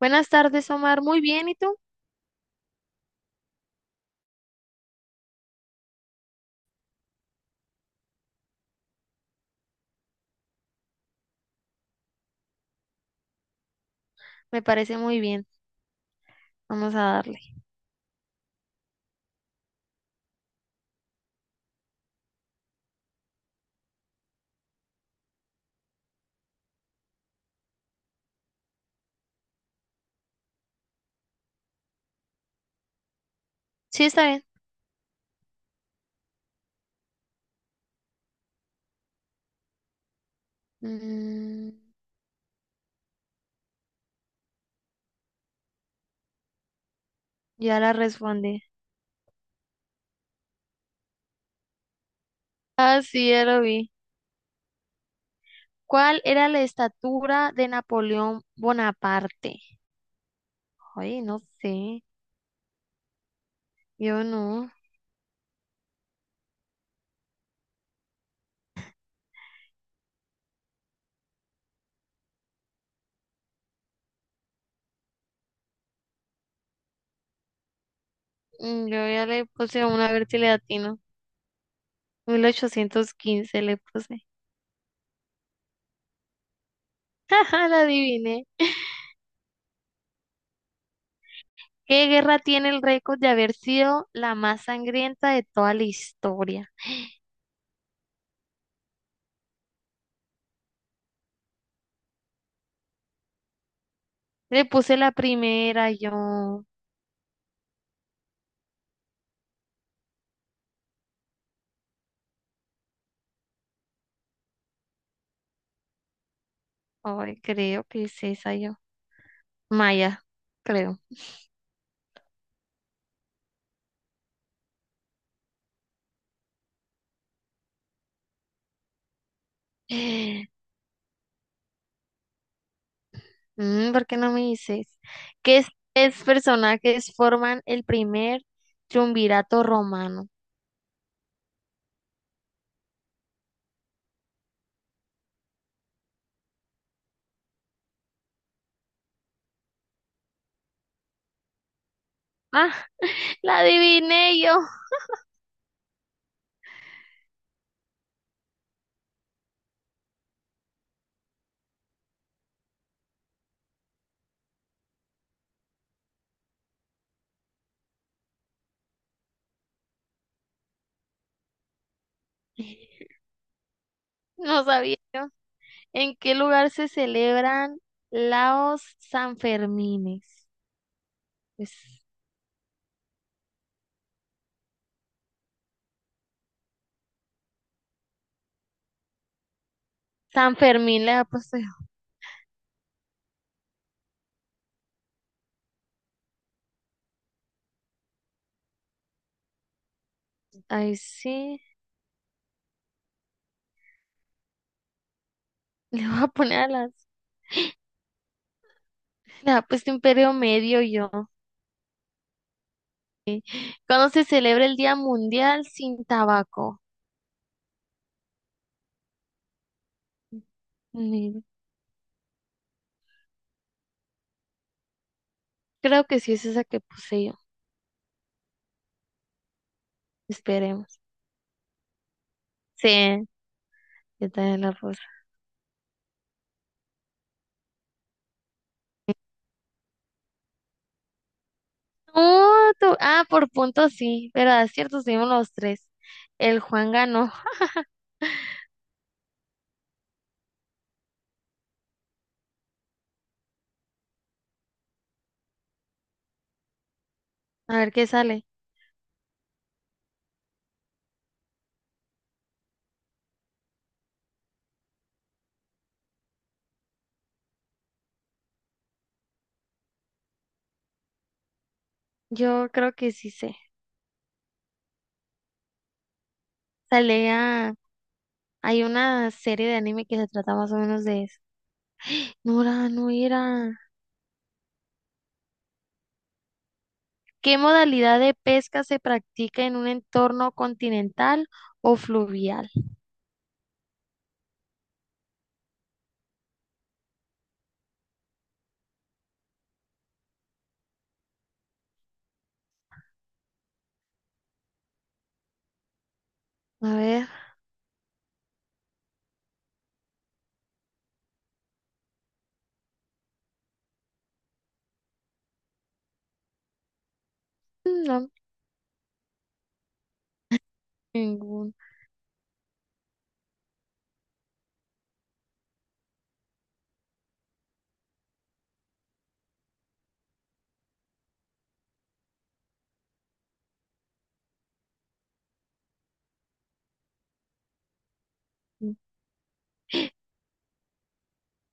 Buenas tardes, Omar. Muy bien, ¿y tú? Me parece muy bien. Vamos a darle. Sí, está bien. Mm, ya la respondí. Ah, sí, ya lo vi. ¿Cuál era la estatura de Napoleón Bonaparte? Ay, no sé. Yo no. Yo ya le puse una vertilatina. 1815 le puse. Jaja, la adiviné. ¿Qué guerra tiene el récord de haber sido la más sangrienta de toda la historia? Le puse la primera, yo. Ay, creo que es esa yo. Maya, creo. ¿Por qué no me dices? ¿Qué es personajes forman el primer triunvirato romano? Ah, la adiviné yo. No sabía yo. ¿En qué lugar se celebran los Sanfermines? Pues, San Fermín le ha puesto yo. Ay, sí. Le voy a poner a las. Le ha puesto Imperio Medio yo. ¿Cuándo se celebra el Día Mundial sin Tabaco? Mm, Creo que sí es esa que puse yo. Esperemos. Sí, yo también la puse. No, ah, por puntos sí, verdad es cierto, seguimos los tres. El Juan ganó. A ver qué sale. Yo creo que sí sé. Sale a... Hay una serie de anime que se trata más o menos de eso. No era, no era. ¿Qué modalidad de pesca se practica en un entorno continental o fluvial? A ver, no, ningún.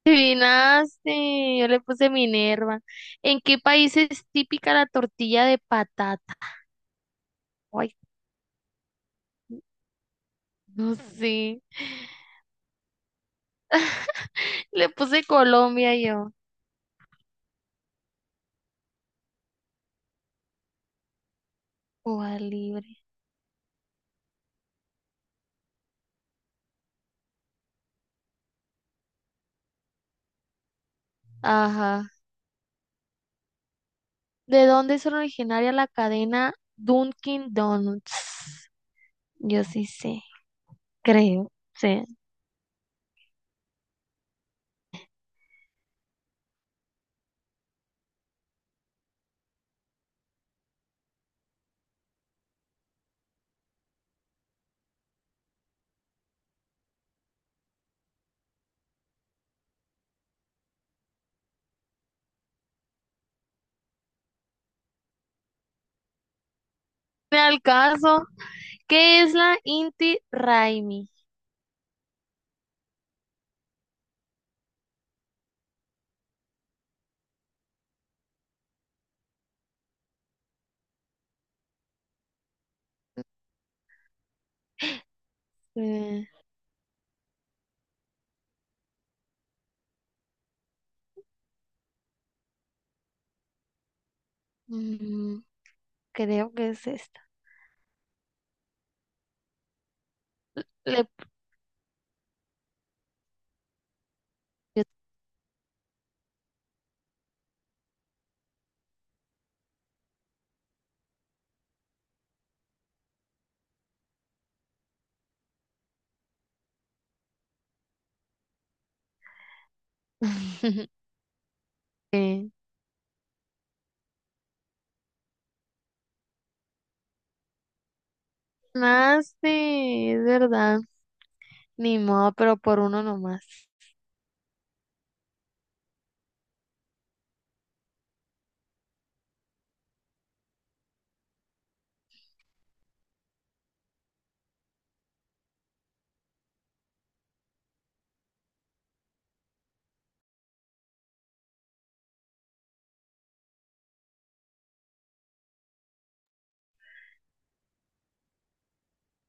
Adivinaste, yo le puse Minerva. ¿En qué país es típica la tortilla de patata? Ay, no sé. Le puse Colombia yo. Cuba libre. Ajá. ¿De dónde es originaria la cadena Dunkin' Donuts? Yo sí sé, creo. Sí. Me al caso. ¿Qué es la Inti Raimi? Eh, mm, creo que es esta. Le... Eh, Más, sí, es verdad. Ni modo, pero por uno nomás.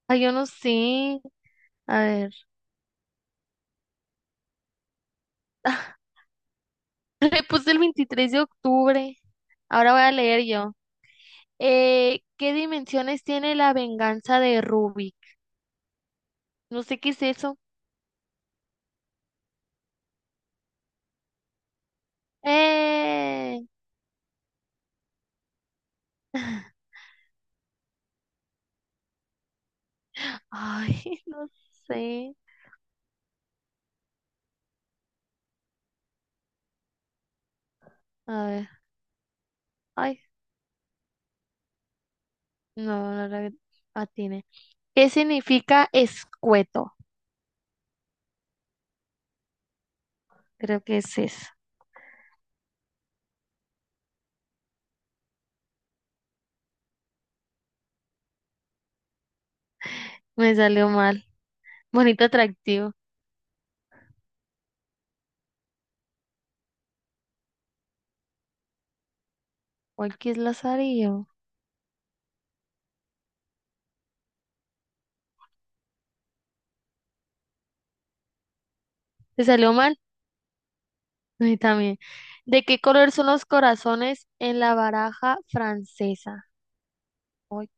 Ay, yo no sé. A ver. Le puse el 23 de octubre. Ahora voy a leer yo. ¿Qué dimensiones tiene la venganza de Rubik? No sé qué es eso. ¡Eh! Ay, no sé. A ver. Ay, no, no la atiné. ¿Qué significa escueto? Creo que es eso. Me salió mal. Bonito atractivo. ¿Cuál que es Lazarillo? ¿Te salió mal? A mí también. ¿De qué color son los corazones en la baraja francesa? Ay,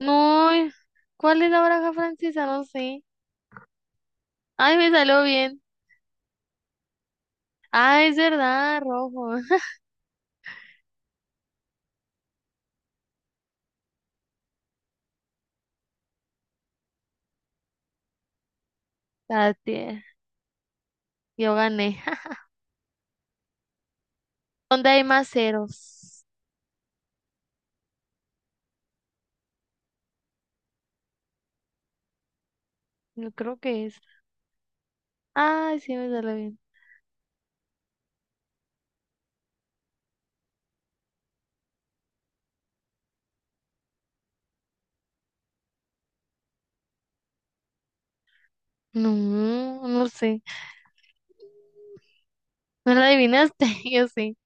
no, ¿cuál es la baraja francesa? No sé. Ay, me salió bien. Ah, es verdad, rojo. La tie- Yo gané. ¿Dónde hay más ceros? Yo creo que es. Ay, sí, me salió bien. No, no sé. ¿No la adivinaste? Yo sí.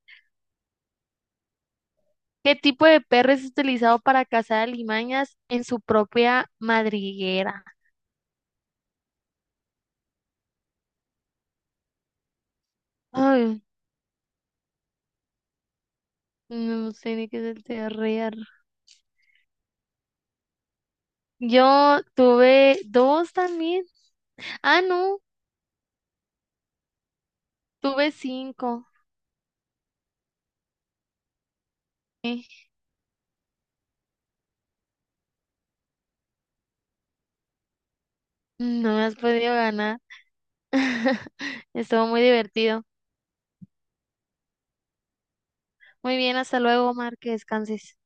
¿Qué tipo de perro es utilizado para cazar alimañas en su propia madriguera? Ay, no sé ni qué es el TRR. Yo tuve dos también. Ah, no, tuve cinco. Eh, No me has podido ganar. Estuvo muy divertido. Muy bien, hasta luego, Omar, que descanses.